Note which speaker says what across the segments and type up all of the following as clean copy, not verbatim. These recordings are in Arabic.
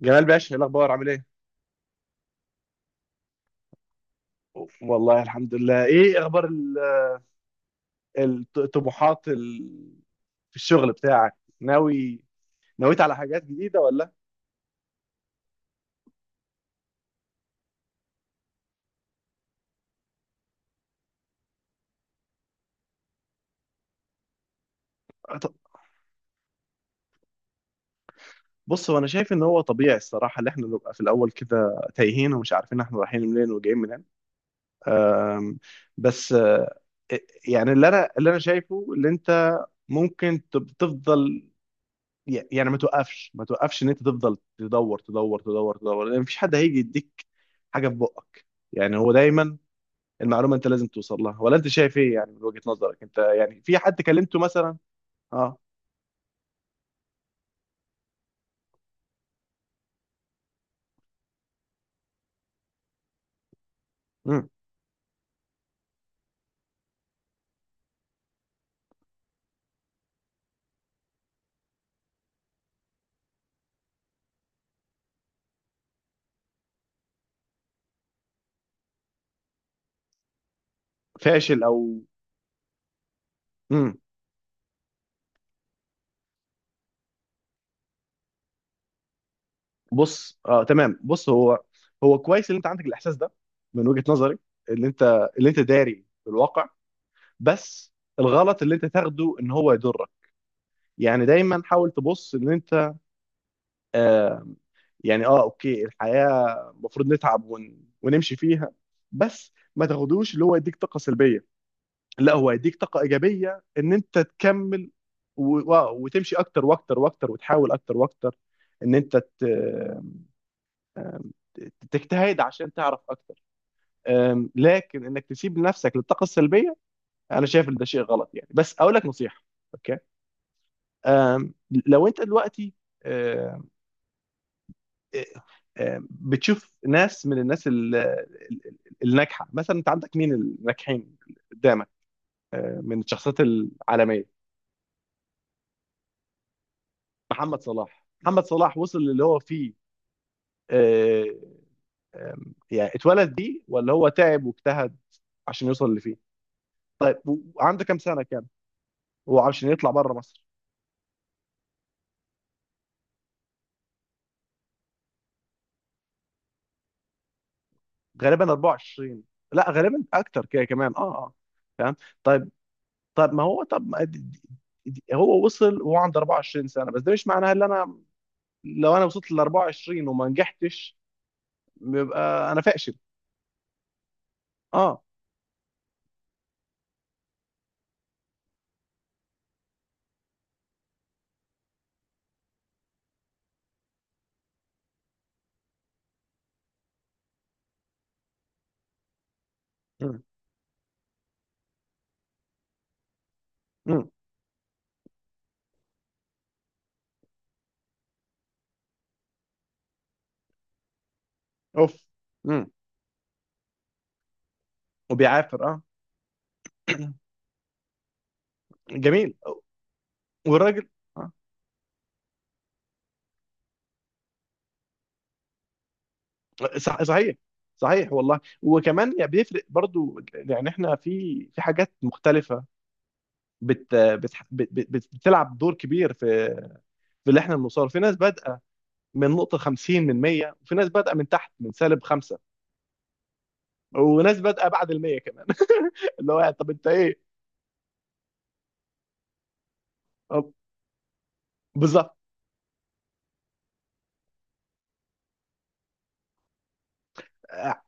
Speaker 1: جمال باشا، ايه الاخبار؟ عامل ايه؟ والله الحمد لله. ايه اخبار الطموحات في الشغل بتاعك؟ ناوي نويت على حاجات جديدة ولا؟ أط- بص، هو انا شايف ان هو طبيعي الصراحة، اللي احنا نبقى في الاول كده تايهين ومش عارفين احنا رايحين منين وجايين منين. أم، بس يعني اللي انا شايفه اللي انت ممكن تفضل، يعني ما توقفش ما توقفش ان انت تفضل تدور تدور تدور تدور، لان مفيش حد هيجي يديك حاجة في بقك. يعني هو دايما المعلومه انت لازم توصل لها، ولا انت شايف ايه؟ يعني من وجهه نظرك انت، يعني في حد كلمته مثلا؟ اه. مم. فاشل او. مم. بص اه تمام، بص هو كويس ان انت عندك الاحساس ده، من وجهه نظري اللي انت داري بالواقع، بس الغلط اللي انت تاخده ان هو يضرك. يعني دايما حاول تبص ان انت، آه، يعني اه اوكي، الحياه المفروض نتعب ونمشي فيها، بس ما تاخدوش اللي هو يديك طاقه سلبيه، لا هو هيديك طاقه ايجابيه ان انت تكمل وتمشي اكتر واكتر واكتر، وتحاول اكتر واكتر ان تجتهد عشان تعرف اكتر. لكن انك تسيب نفسك للطاقه السلبيه، انا شايف ان ده شيء غلط يعني. بس اقول لك نصيحه، اوكي؟ أم، لو انت دلوقتي، أم، بتشوف ناس من الناس الناجحه مثلا، انت عندك مين الناجحين قدامك؟ من الشخصيات العالميه؟ محمد صلاح. محمد صلاح وصل للي هو فيه، آه، يعني اتولد بيه ولا هو تعب واجتهد عشان يوصل اللي فيه؟ طيب، وعنده كام سنة؟ كام هو عشان يطلع بره مصر؟ غالبا 24. لا غالبا اكتر كده كمان، اه اه. فاهم. طيب، طب ما هو، طب ما هو وصل وهو عنده 24 سنة، بس ده مش معناها ان انا لو انا وصلت ل 24 وما نجحتش يبقى انا فاشل. اه. مم. مم. اوف. مم. وبيعافر اه. جميل. والراجل، آه، صح- صحيح، صحيح والله. وكمان يعني بيفرق برضو، يعني احنا في، في حاجات مختلفة بت بتلعب دور كبير في، في اللي احنا بنوصله. في ناس بادئة من نقطة 50 من 100، وفي ناس بادئة من تحت من سالب خمسة، وناس بادئة بعد ال 100 كمان، اللي هو يعني طب انت ايه؟ طب بالظبط. آه،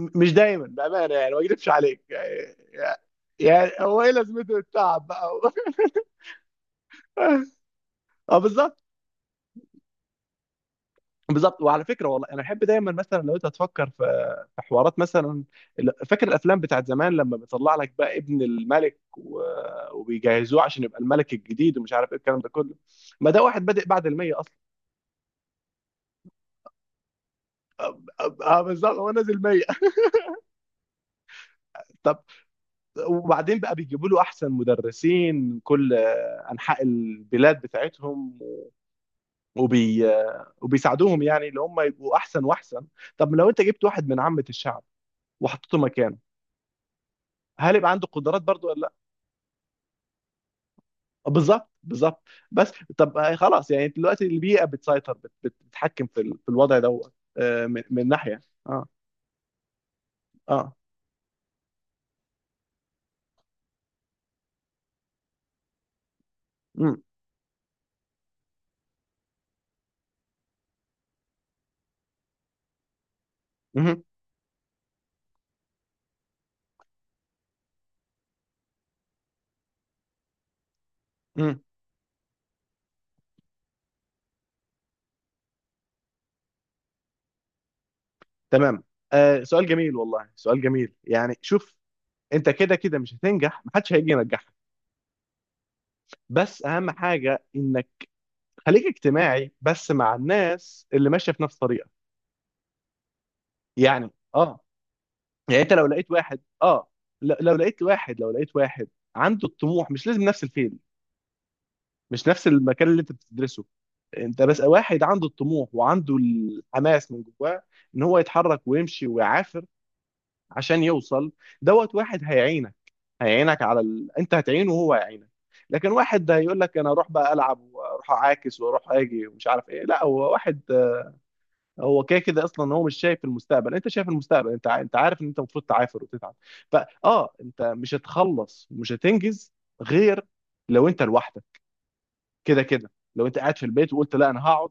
Speaker 1: مش دايما بأمانة، يعني ما اكذبش عليك يعني. يعني، يعني هو ايه لازمته التعب بقى؟ اه بالظبط بالظبط. وعلى فكره والله انا بحب دايما مثلا لو انت هتفكر في، في حوارات مثلا، فاكر الافلام بتاعت زمان لما بيطلع لك بقى ابن الملك وبيجهزوه عشان يبقى الملك الجديد ومش عارف ايه الكلام ده كله؟ ما ده واحد بادئ بعد المية اصلا. أب- اه بالظبط، هو نازل 100. طب، وبعدين بقى بيجيبوا له احسن مدرسين من كل انحاء البلاد بتاعتهم، وبي وبيساعدوهم يعني اللي هم يبقوا احسن واحسن. طب لو انت جبت واحد من عامة الشعب وحطيته مكانه، هل يبقى عنده قدرات برضو ولا؟ بالظبط بالظبط. بس طب، آه، خلاص، يعني دلوقتي البيئه بتسيطر، بتتحكم في في الوضع دوت، آه، من، من ناحيه. اه اه. امم. امم. امم. تمام. آه، سؤال جميل والله، سؤال جميل. يعني شوف، انت كده كده مش هتنجح، محدش هيجي ينجحك. بس اهم حاجه انك خليك اجتماعي بس مع الناس اللي ماشيه في نفس طريقك. يعني اه. يعني انت لو لقيت واحد اه، لو لقيت واحد عنده الطموح، مش لازم نفس الفيلد، مش نفس المكان اللي انت بتدرسه. انت بس واحد عنده الطموح وعنده الحماس من جواه ان هو يتحرك ويمشي ويعافر عشان يوصل، دوت واحد هيعينك، هيعينك على ال... انت هتعينه وهو هيعينك. لكن واحد ده هيقول لك انا اروح بقى العب واروح اعاكس واروح اجي ومش عارف ايه، لا هو واحد هو كده كده اصلا هو مش شايف المستقبل. انت شايف المستقبل، انت عارف ان انت المفروض تعافر وتتعب. فاه انت مش هتخلص ومش هتنجز غير لو انت لوحدك. كده كده لو انت قاعد في البيت وقلت لا انا هقعد،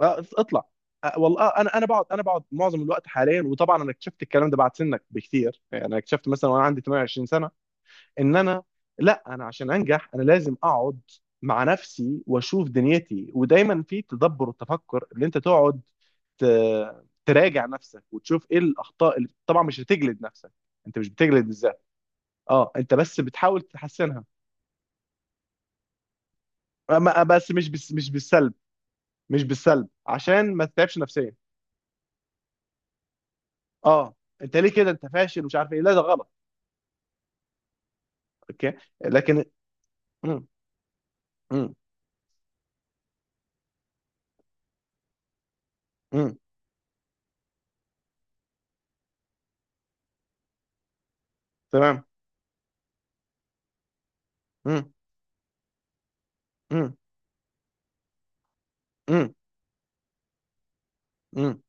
Speaker 1: آه، اطلع. آه، والله، آه، انا بقعد، معظم الوقت حاليا، وطبعا انا اكتشفت الكلام ده بعد سنك بكتير، يعني انا اكتشفت مثلا وانا عندي 28 سنه ان انا، لا انا عشان انجح انا لازم اقعد مع نفسي واشوف دنيتي، ودايما في تدبر والتفكر اللي انت تقعد تراجع نفسك وتشوف ايه الاخطاء، اللي طبعا مش هتجلد نفسك، انت مش بتجلد الذات. اه، انت بس بتحاول تحسنها. بس مش بالسلب، مش بالسلب، عشان ما تتعبش نفسيا. اه، انت ليه كده؟ انت فاشل ومش عارف ايه، لا ده غلط. اوكي. لكن. مم. مم. مم. تمام. مم. مم. مم. مم.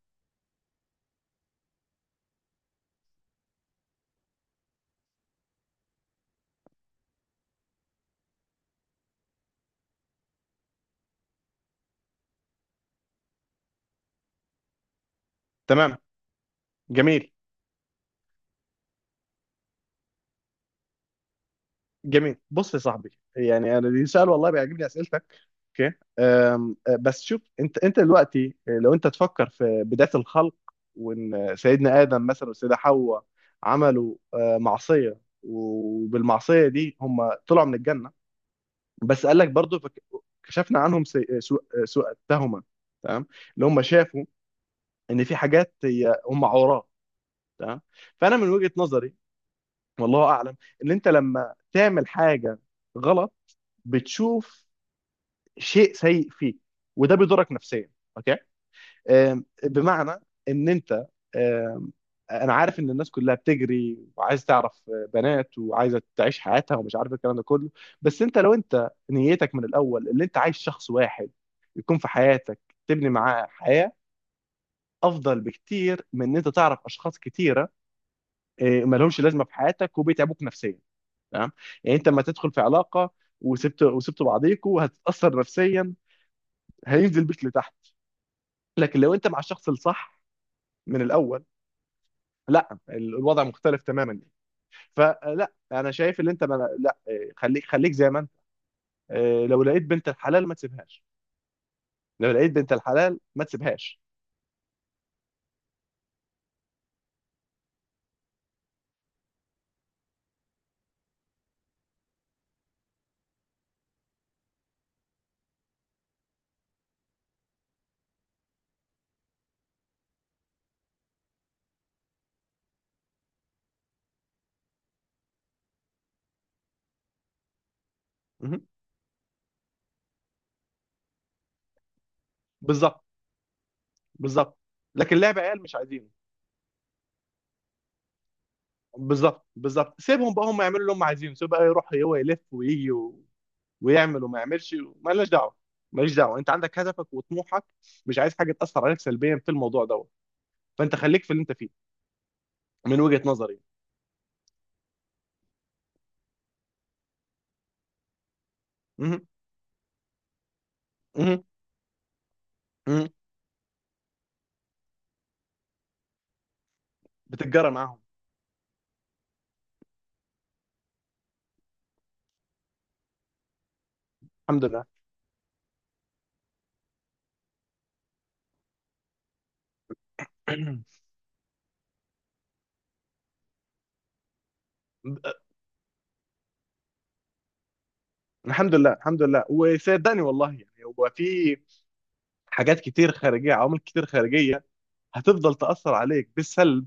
Speaker 1: تمام. جميل. جميل. بص يا صاحبي، يعني انا دي سؤال والله بيعجبني اسئلتك. اوكي، أه، بس شوف، انت دلوقتي، آه، لو انت تفكر في بداية الخلق، وان سيدنا ادم مثلا والسيدة حواء عملوا، أه، معصية، وبالمعصية دي هم طلعوا من الجنة، بس قال لك برضه كشفنا عنهم سوء التهمه، تمام؟ اللي هم شافوا ان في حاجات هي هم عوراء. تمام. فانا من وجهه نظري، والله اعلم، ان انت لما تعمل حاجه غلط بتشوف شيء سيء فيك، وده بيضرك نفسيا، اوكي؟ آم، بمعنى ان انت، انا عارف ان الناس كلها بتجري وعايز تعرف بنات، وعايزه تعيش حياتها ومش عارف الكلام ده كله، بس انت لو انت نيتك من الاول اللي انت عايز شخص واحد يكون في حياتك تبني معاه حياه، افضل بكتير من ان انت تعرف اشخاص كتيره، إيه، مالهمش لازمه في حياتك وبيتعبوك نفسيا. تمام؟ يعني انت لما تدخل في علاقه وسبت بعضيكوا هتتاثر نفسيا، هينزل بيك لتحت. لكن لو انت مع الشخص الصح من الاول، لا الوضع مختلف تماما. فلا انا شايف ان انت، ما لا، إيه، خليك خليك زي ما انت. آه، لو لقيت بنت الحلال ما تسيبهاش. لو لقيت بنت الحلال ما تسيبهاش. مهم. بالظبط بالظبط. لكن لعب عيال مش عايزينه. بالظبط بالظبط. سيبهم بقى هم يعملوا اللي هم عايزينه، سيب بقى يروح هو يلف ويجي و... ويعمل وما يعملش، مالناش دعوه. ماليش دعوه، انت عندك هدفك وطموحك، مش عايز حاجه تاثر عليك سلبيا في الموضوع دوت. فانت خليك في اللي انت فيه، من وجهه نظري. مهم. مهم. مهم. بتتجرى معاهم. الحمد لله. الحمد لله. الحمد لله. وصدقني والله، يعني هو في حاجات كتير خارجيه، عوامل كتير خارجيه هتفضل تاثر عليك بالسلب،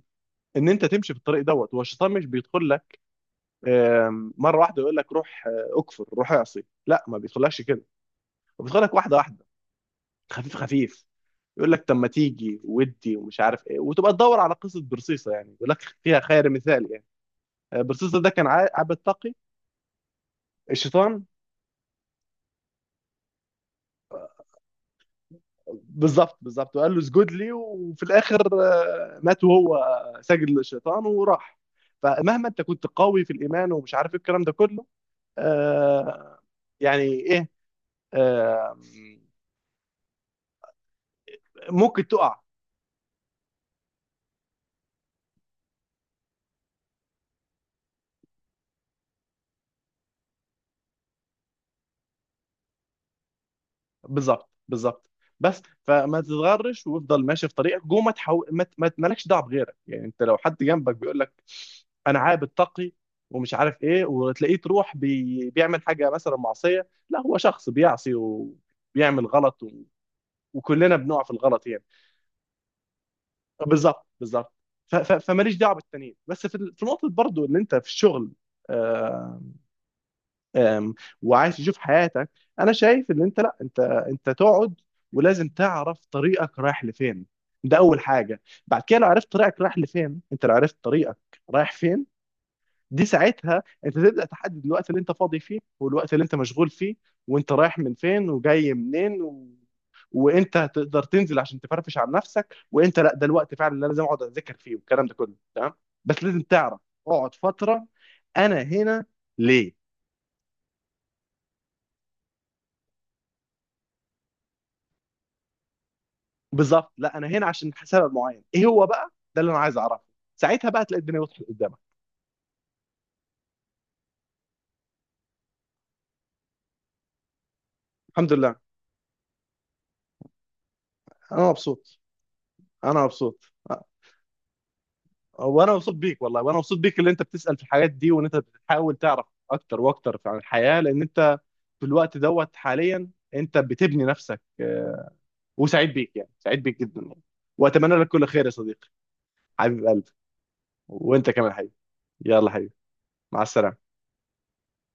Speaker 1: ان انت تمشي في الطريق دوت. هو الشيطان مش بيدخل لك، آم، مره واحده يقول لك روح، آه، اكفر روح اعصي. لا ما بيدخلكش كده، هو بيدخلك واحده واحده، خفيف خفيف. يقول لك طب ما تيجي ودي ومش عارف ايه، وتبقى تدور على قصه برصيصه يعني، يقول لك فيها خير مثال يعني. آه، برصيصه ده كان عبد تقي. الشيطان. بالظبط بالظبط، وقال له اسجد لي، وفي الاخر، آه، مات وهو سجد للشيطان وراح. فمهما انت كنت قوي في الايمان ومش عارف ايه الكلام ده كله. آه. يعني ايه. آه. ممكن تقع. بالظبط بالظبط. بس فما تتغرش وافضل ماشي في طريقك جوه، ما تحو... ما ت- ما ت- مالكش دعوه بغيرك. يعني انت لو حد جنبك بيقول لك انا عابد تقي ومش عارف ايه، وتلاقيه تروح بيعمل حاجه مثلا معصيه، لا هو شخص بيعصي و... بيعمل غلط، وكلنا بنقع في الغلط يعني. بالظبط بالظبط. فماليش دعوه بالتانيين. بس في في نقطه برضو اللي انت في الشغل، آم، آم، وعايز تشوف حياتك، انا شايف ان انت، لا انت تقعد ولازم تعرف طريقك رايح لفين، ده اول حاجه. بعد كده لو عرفت طريقك رايح لفين، انت لو عرفت طريقك رايح فين، دي ساعتها انت تبدا تحدد الوقت اللي انت فاضي فيه والوقت اللي انت مشغول فيه، وانت رايح من فين وجاي منين و... وانت هتقدر تنزل عشان تفرفش عن نفسك، وانت لا ده الوقت فعلا اللي انا لازم اقعد اذاكر فيه والكلام ده كله. تمام؟ بس لازم تعرف اقعد فتره، انا هنا ليه؟ بالظبط. لا انا هنا عشان سبب معين، ايه هو بقى؟ ده اللي انا عايز اعرفه. ساعتها بقى تلاقي الدنيا وضحت قدامك. الحمد لله. انا مبسوط. انا مبسوط. وانا مبسوط بيك والله، وانا مبسوط بيك اللي انت بتسال في الحاجات دي، وان انت بتحاول تعرف اكتر واكتر عن الحياه، لان انت في الوقت دوت حاليا انت بتبني نفسك، آه، وسعيد بيك يعني، سعيد بيك جدا يعني. واتمنى لك كل خير يا صديقي. حبيب قلبي. وانت كمان حبيبي. يلا حبيبي، مع السلامه.